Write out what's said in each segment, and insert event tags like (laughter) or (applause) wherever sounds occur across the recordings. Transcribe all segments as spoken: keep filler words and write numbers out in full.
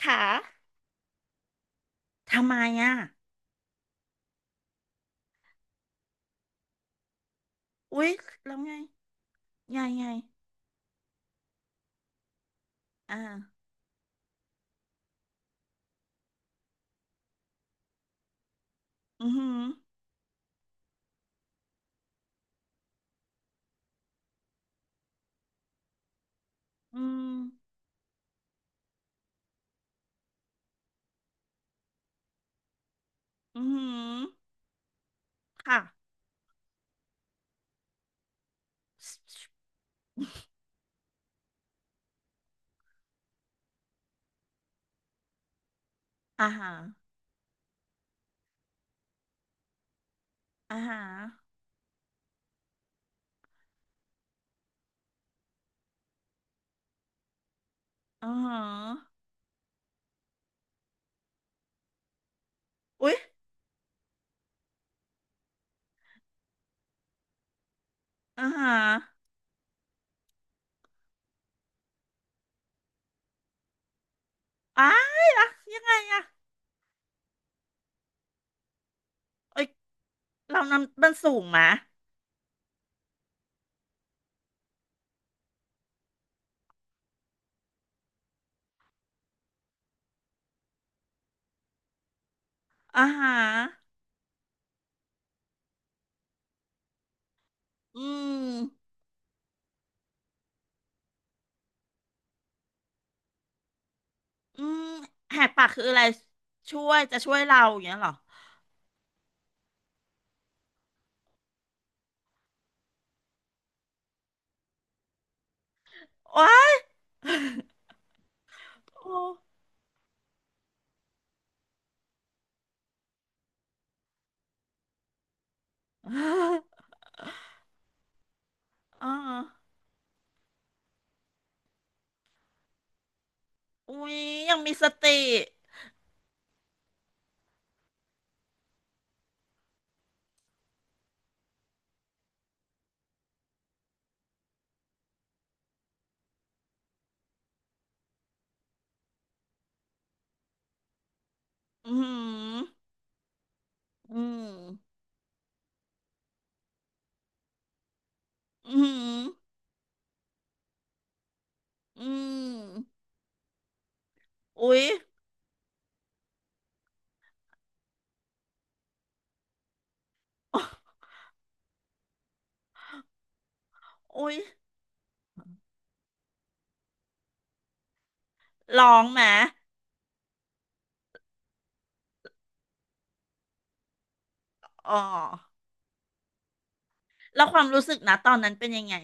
ขาทำไมอ่ะอุ๊ยแล้วไงไงไงอ่าอือหืออืมอือหือค่ะอาหารอาหารอือหืออุ๊ยอาหารอ้ายอะยังไงอ่ะเอ้ยเรานำมันสูงมะอาหารอืมอืมแหกปากคืออะไรช่วยจะช่วยเราอย่างเงี้ยเหรอโอ๊ย (laughs) โอ้อ่ารอุ๊ยยังมีสติอือห อืมอืมอืมอุ๊ยอ๋ออุ๊ยร้องไหมอ๋อแล้วความรู้สึกนะตอนนั้นเป็นยังไง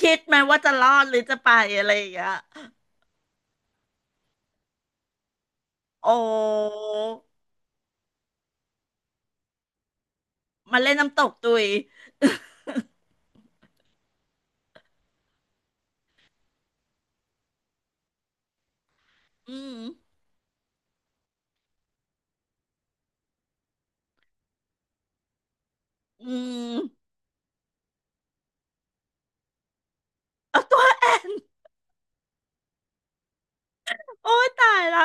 คิดไหมว่าจะรอดหรือจะไปอะไรอย่างเงี้ยโอ้มาเล่นน้ำตกตุยอืมอืมเอาตัวแอบโอ้ยตายละ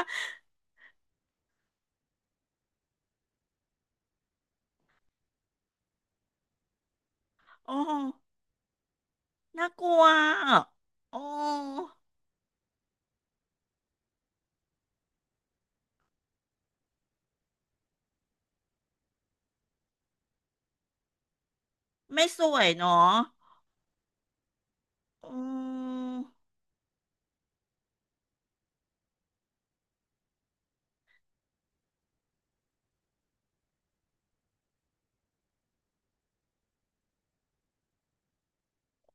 โอ้น่ากลัวอะโอ้ไม่สวยเนาะโอ้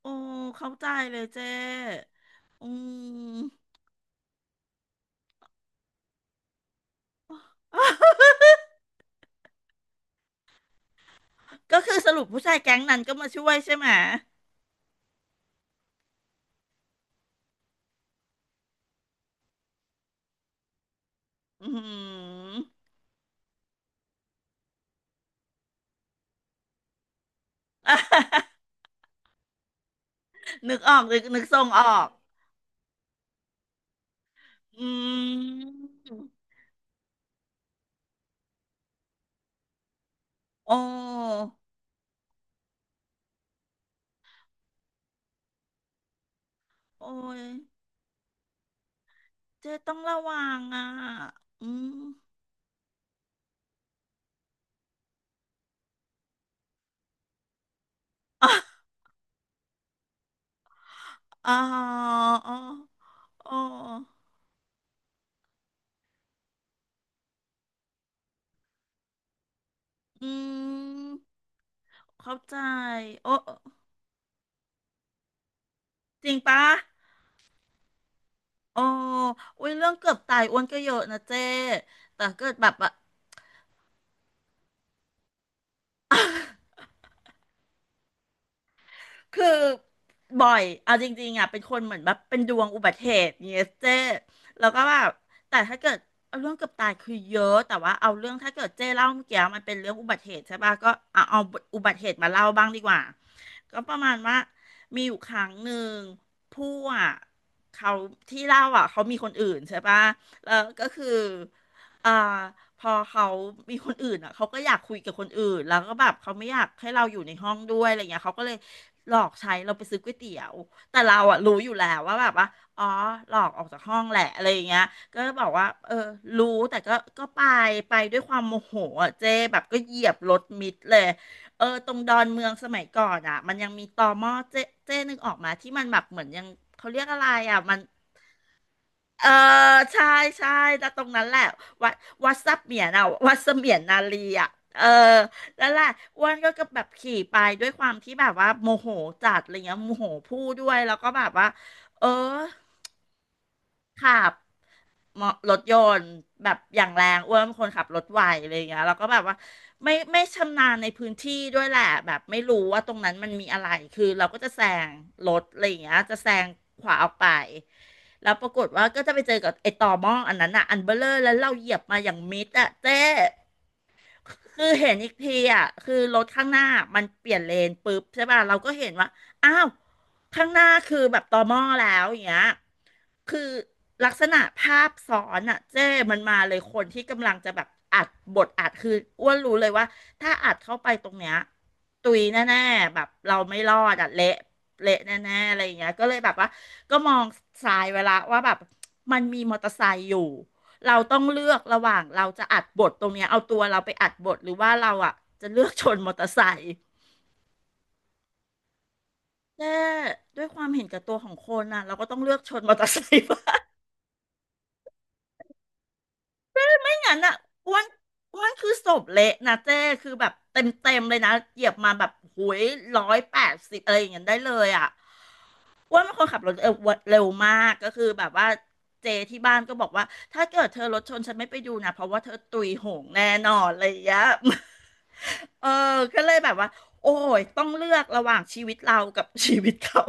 โอ้เข้าใจเลยเจ้อืม (laughs) ก็คือสรุปผู้ชายแก๊งนั้นก็มาช่วยใช่ไหมอืม (laughs) นึกออกนึกนึกทรงออกอืมโอ้โอ้ยเจ๊ต้องระวังอ่ะอืมอ๋ออ๋ออ๋ออออืมเข้าใจ โอ้จริงปะ โอ้อุ้ยเรื่องเกือบตายอ้วนก็เยอะนะเจ๊แต่เกิดแบบ คือบ่อยเอาจริงๆอ่ะเป็นคนเหมือนแบบเป็นดวงอุบัติเหตุเนี่ยเจ้แล้วก็แบบแต่ถ้าเกิดเอาเรื่องเกือบตายคือเยอะแต่ว่าเอาเรื่องถ้าเกิดเจ้เล่าเมื่อกี้มันเป็นเรื่องอุบัติเหตุใช่ป่ะก็เอาเอาอุบัติเหตุมาเล่าบ้างดีกว่าก็ประมาณว่ามีอยู่ครั้งหนึ่งผู้อ่ะเขาที่เล่าอ่ะเขามีคนอื่นใช่ป่ะแล้วก็คือ อ่าพอเขามีคนอื่นอ่ะเขาก็อยากคุยกับคนอื่นแล้วก็แบบเขาไม่อยากให้เราอยู่ในห้องด้วยอะไรเงี้ยเขาก็เลยหลอกใช้เราไปซื้อก๋วยเตี๋ยวแต่เราอ่ะรู้อยู่แล้วว่าแบบว่าอ๋อหลอกออกจากห้องแหละอะไรอย่างเงี้ยก็บอกว่าเออรู้แต่ก็ก็ไปไปด้วยความโมโหอ่ะเจ๊แบบก็เหยียบรถมิดเลยเออตรงดอนเมืองสมัยก่อนอ่ะมันยังมีตอม่อเจ๊เจ๊นึกออกมาที่มันแบบเหมือนยังเขาเรียกอะไรอ่ะมัน เออใช่ใช่แล้วตรงนั้นแหละวัดวัดซับเหมียนอ่ะวัดเสมียนนาลีอ่ะเออแล้วแหละอ้วนก็แบบขี่ไปด้วยความที่แบบว่าโมโหจัดอะไรเงี้ยโมโหพูดด้วยแล้วก็แบบว่าเออขับ มอรถยนต์แบบอย่างแรงอ้วนเป็นคนขับรถไวอะไรอย่างเงี้ยแล้วก็แบบว่าไม่ไม่ชำนาญในพื้นที่ด้วยแหละแบบไม่รู้ว่าตรงนั้นมันมีอะไรคือเราก็จะแซงรถอะไรอย่างเงี้ยจะแซงขวาออกไปแล้วปรากฏว่าก็จะไปเจอกับไอ้ต่อหม้ออันนั้นอ่ะอันเบลเลอร์แล้วเราเหยียบมาอย่างมิดอ่ะเจ๊ คือเห็นอีกทีอ่ะคือรถข้างหน้ามันเปลี่ยนเลนปุ๊บใช่ป่ะเราก็เห็นว่าอ้าวข้างหน้าคือแบบตอม่อแล้วอย่างเงี้ยคือลักษณะภาพซ้อนอ่ะเจ้มันมาเลยคนที่กำลังจะแบบอัดบทอัดคืออ้วนรู้เลยว่าถ้าอัดเข้าไปตรงเนี้ยตุยแน่ๆแบบเราไม่รอดอ่ะเละเละแน่ๆอะไรอย่างเงี้ยก็เลยแบบว่าก็มองซ้ายเวลาว่าแบบมันมีมอเตอร์ไซค์อยู่ เราต้องเลือกระหว่างเราจะอัดบทตรงเนี้ยเอาตัวเราไปอัดบทหรือว่าเราอ่ะจะเลือกชนมอเตอร์ไซค์แต่ด้วยความเห็นแก่ตัวของคนน่ะเราก็ต้องเลือกชนมอเตอร์ไซค์บ้าง (laughs) ไม่งั้นอ่ะอ้วนอ้วนคือศพเละนะเจ้คือแบบเต็มเต็มเลยนะเหยียบมาแบบหุยร้อยแปดสิบอะไรอย่างเงี้ยได้เลยอ่ะ อ้วนเป็นคนขับรถเออเร็วมากก็คือแบบว่าเจที่บ้านก็บอกว่าถ้าเกิดเธอรถชนฉันไม่ไปดูนะเพราะว่าเธอตุยโหงแน่นอนอะไรอย่างเงี้ย (laughs) เออก็เลยแบบว่าโอ้ยต้องเลือกระหว่างชีวิตเรากับ (laughs) ชีวิตเขา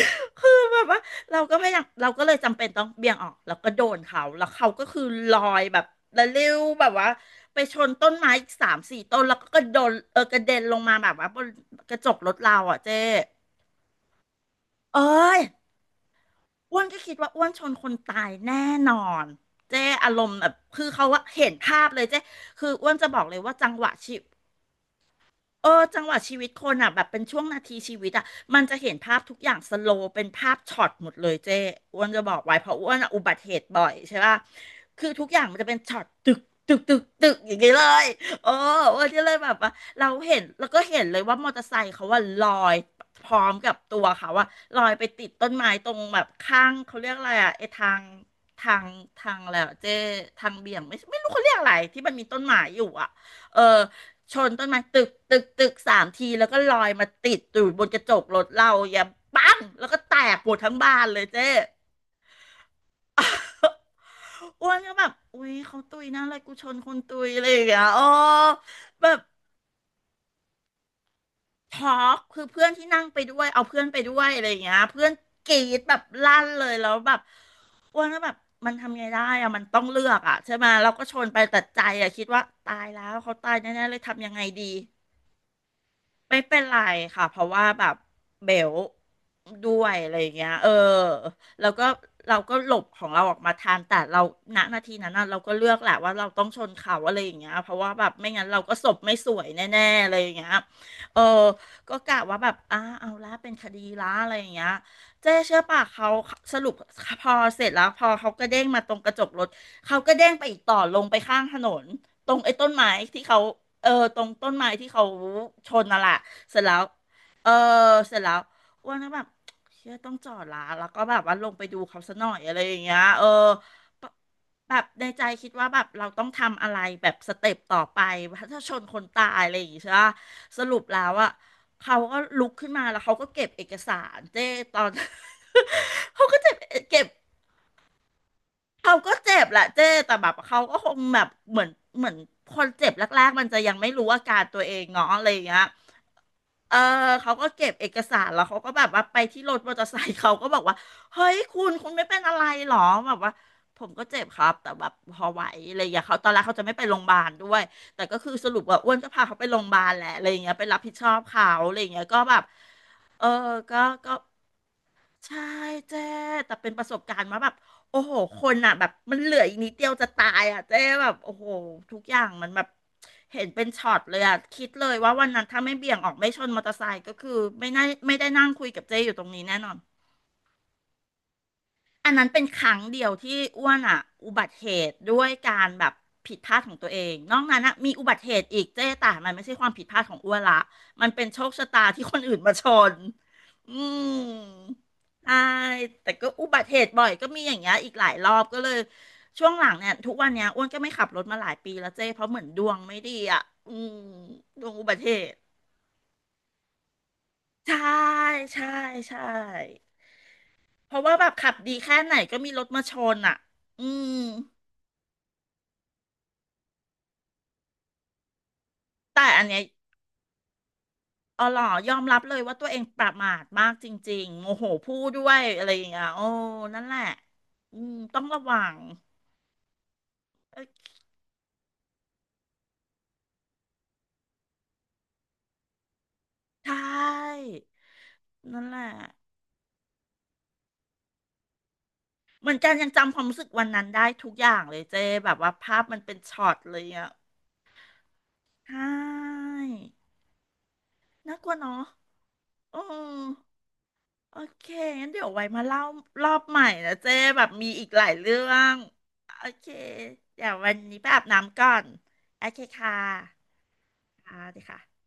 (laughs) คือแบบว่าเราก็ไม่อยากเราก็เลยจำเป็นต้องเบี่ยงออกแล้วก็โดนเขาแล้วเขาก็คือลอยแบบระลิ้วแบบว่าไปชนต้นไม้อีกสามสี่ต้นแล้วก็กระโดนเออกระเด็นลงมาแบบว่าบนกระจกรถเราอ่ะเจ๊เอ้ย อ้วนก็คิดว่าอ้วนชนคนตายแน่นอนเจ๊อารมณ์แบบคือเขาว่าเห็นภาพเลยเจ๊คืออ้วนจะบอกเลยว่าจังหวะชี เออจังหวะชีวิตคนอ่ะแบบเป็นช่วงนาทีชีวิตอ่ะมันจะเห็นภาพทุกอย่างสโลว์เป็นภาพช็อตหมดเลยเจ้อ้วนจะบอกไว้เพราะอ้วนอะอุบัติเหตุบ่อยใช่ป่ะคือทุกอย่างมันจะเป็นช็อตตึกตึกตึกตึกอย่างนี้เลยเอออ้วนก็เลยแบบว่าเราเห็นแล้วก็เห็นเลยว่ามอเตอร์ไซค์เขาว่าลอยพร้อมกับตัวเขาว่าลอยไปติดต้นไม้ตรงแบบข้างเขาเรียกอะไรอ่ะไอ้ทางทางทางแล้วเจ้ทางเบี่ยงไม่ไม่รู้เขาเรียกอะไรที่มันมีต้นไม้อยู่อ่ะเออ ชนต้นไม้ตึกตึกตึกสามทีแล้วก็ลอยมาติดอยู่บนกระจกรถเราอย่าปังแล้วก็แตกหมดทั้งบ้านเลยเจ๊ (laughs) อ้วนก็แบบอุ้ยเขาตุยนะอะไรกูชนคนตุยอะไรอย่างเงี้ยอ๋อแบบช็อกคือเพื่อนที่นั่งไปด้วยเอาเพื่อนไปด้วยอะไรอย่างเงี้ยเพื่อนกรีดแบบลั่นเลยแล้วแบบอ้วนก็แบบมันทำไงได้อะมันต้องเลือกอะใช่ไหมเราก็ชนไปแต่ใจอะคิดว่าตายแล้วเขาตายแน่ๆเลยทำยังไงดี ไม่เป็นไรค่ะเพราะว่าแบบเบลด้วยอะไรอย่างเงี้ยเออแล้วก็เราก็หลบของเราออกมาทันแต่เราณนาทีนั้นน่ะเราก็เลือกแหละว่าเราต้องชนเขาอะไรอย่างเงี้ยเพราะว่าแบบไม่งั้นเราก็ศพไม่สวยแน่ๆอะไรอย่างเงี้ยเออก็กะว่าแบบอ่าเอาละเป็นคดีละอะไรอย่างเงี้ยเจ๊เชื่อป่ะเขาสรุปพอเสร็จแล้วพอเขาก็เด้งมาตรงกระจกรถเขาก็เด้งไปอีกต่อลงไปข้างถนน ตรงไอ้ต้นไม้ที่เขาเออตรงต้นไม้ที่เขาชนน่ะแหละเสร็จแล้วเออเสร็จแล้วอ้วนก็แบบเชื่อต้องจอดละแล้วก็แบบว่าลงไปดูเขาซะหน่อยอะไรอย่างเงี้ยเออปะแบบในใจคิดว่าแบบเราต้องทำอะไรแบบสเต็ปต่อไปถ้าชนคนตายอะไรอย่างเงี้ยใช่ปะสรุปแล้วอะเขาก็ลุกขึ้นมาแล้วเขาก็เก็บเอกสารเจ้ตอน (laughs) เขาก็จะเก็บ เขาก็เจ็บแหละเจ้แต่แบบเขาก็คงแบบเหมือนเหมือนคนเจ็บแรกๆมันจะยังไม่รู้อาการตัวเองเนาะอะไรอย่างเงี้ยเออเขาก็เก็บเอกสารแล้วเขาก็แบบว่าไปที่รถมอเตอร์ไซค์เขาก็บอกว่าเฮ้ยคุณคุณไม่เป็นอะไรหรอแบบว่าผมก็เจ็บครับแต่แบบพอไหวอะไรอย่างเงี้ยเขาตอนแรกเขาจะไม่ไปโรงพยาบาลด้วยแต่ก็คือสรุปว่าอ้วนก็พาเขาไปโรงพยาบาลแหละอะไรอย่างเงี้ยไปรับผิดชอบเขาอะไรอย่างเงี้ยก็แบบเออก็ก็ ใช่เจ๊แต่เป็นประสบการณ์ว่าแบบโอ้โหคนอ่ะแบบมันเหลืออีกนิดเดียวจะตายอ่ะเจ๊แบบโอ้โหทุกอย่างมันแบบเห็นเป็นช็อตเลยอ่ะคิดเลยว่าวันนั้นถ้าไม่เบี่ยงออกไม่ชนมอเตอร์ไซค์ก็คือไม่น่าไม่ได้นั่งคุยกับเจ๊อยู่ตรงนี้แน่นอน อันนั้นเป็นครั้งเดียวที่อ้วนอ่ะอุบัติเหตุด้วยการแบบผิดพลาดของตัวเองนอกนั้นอ่ะมีอุบัติเหตุอีกเจ๊แต่มันไม่ใช่ความผิดพลาดของอ้วนละมันเป็นโชคชะตาที่คนอื่นมาชนอืมใช่แต่ก็อุบัติเหตุบ่อยก็มีอย่างเงี้ยอีกหลายรอบก็เลยช่วงหลังเนี่ยทุกวันเนี้ยอ้วนก็ไม่ขับรถมาหลายปีแล้วเจ๊เพราะเหมือนดวงไม่ดีอ่ะอืมดวงอุบัติเหตุใช่ใช่ใช่เพราะว่าแบบขับดีแค่ไหนก็มีรถมาชนอ่ะอืม แต่อันเนี้ยอ๋อหรอยอมรับเลยว่าตัวเองประมาทมากจริงๆโมโหพูดด้วยอะไรอย่างเงี้ยโอ้นั่นแหละอืมต้องระวังเอ้ยใช่นั่นแหละเหมือนกันยังจำความรู้สึกวันนั้นได้ทุกอย่างเลยเจ๊แบบว่าภาพมันเป็นช็อตเลยอ่ะใช่น่ากลัวเนาะอืม โอเคงั้นเดี๋ยวไว้มาเล่ารอบใหม่นะเจ๊แบบมีอีกหลายเรื่องโอเคเดี๋ยววันนี้ไปอาบน้ำก่อนโอเคค่ะค่ะสวัสดีค่ะ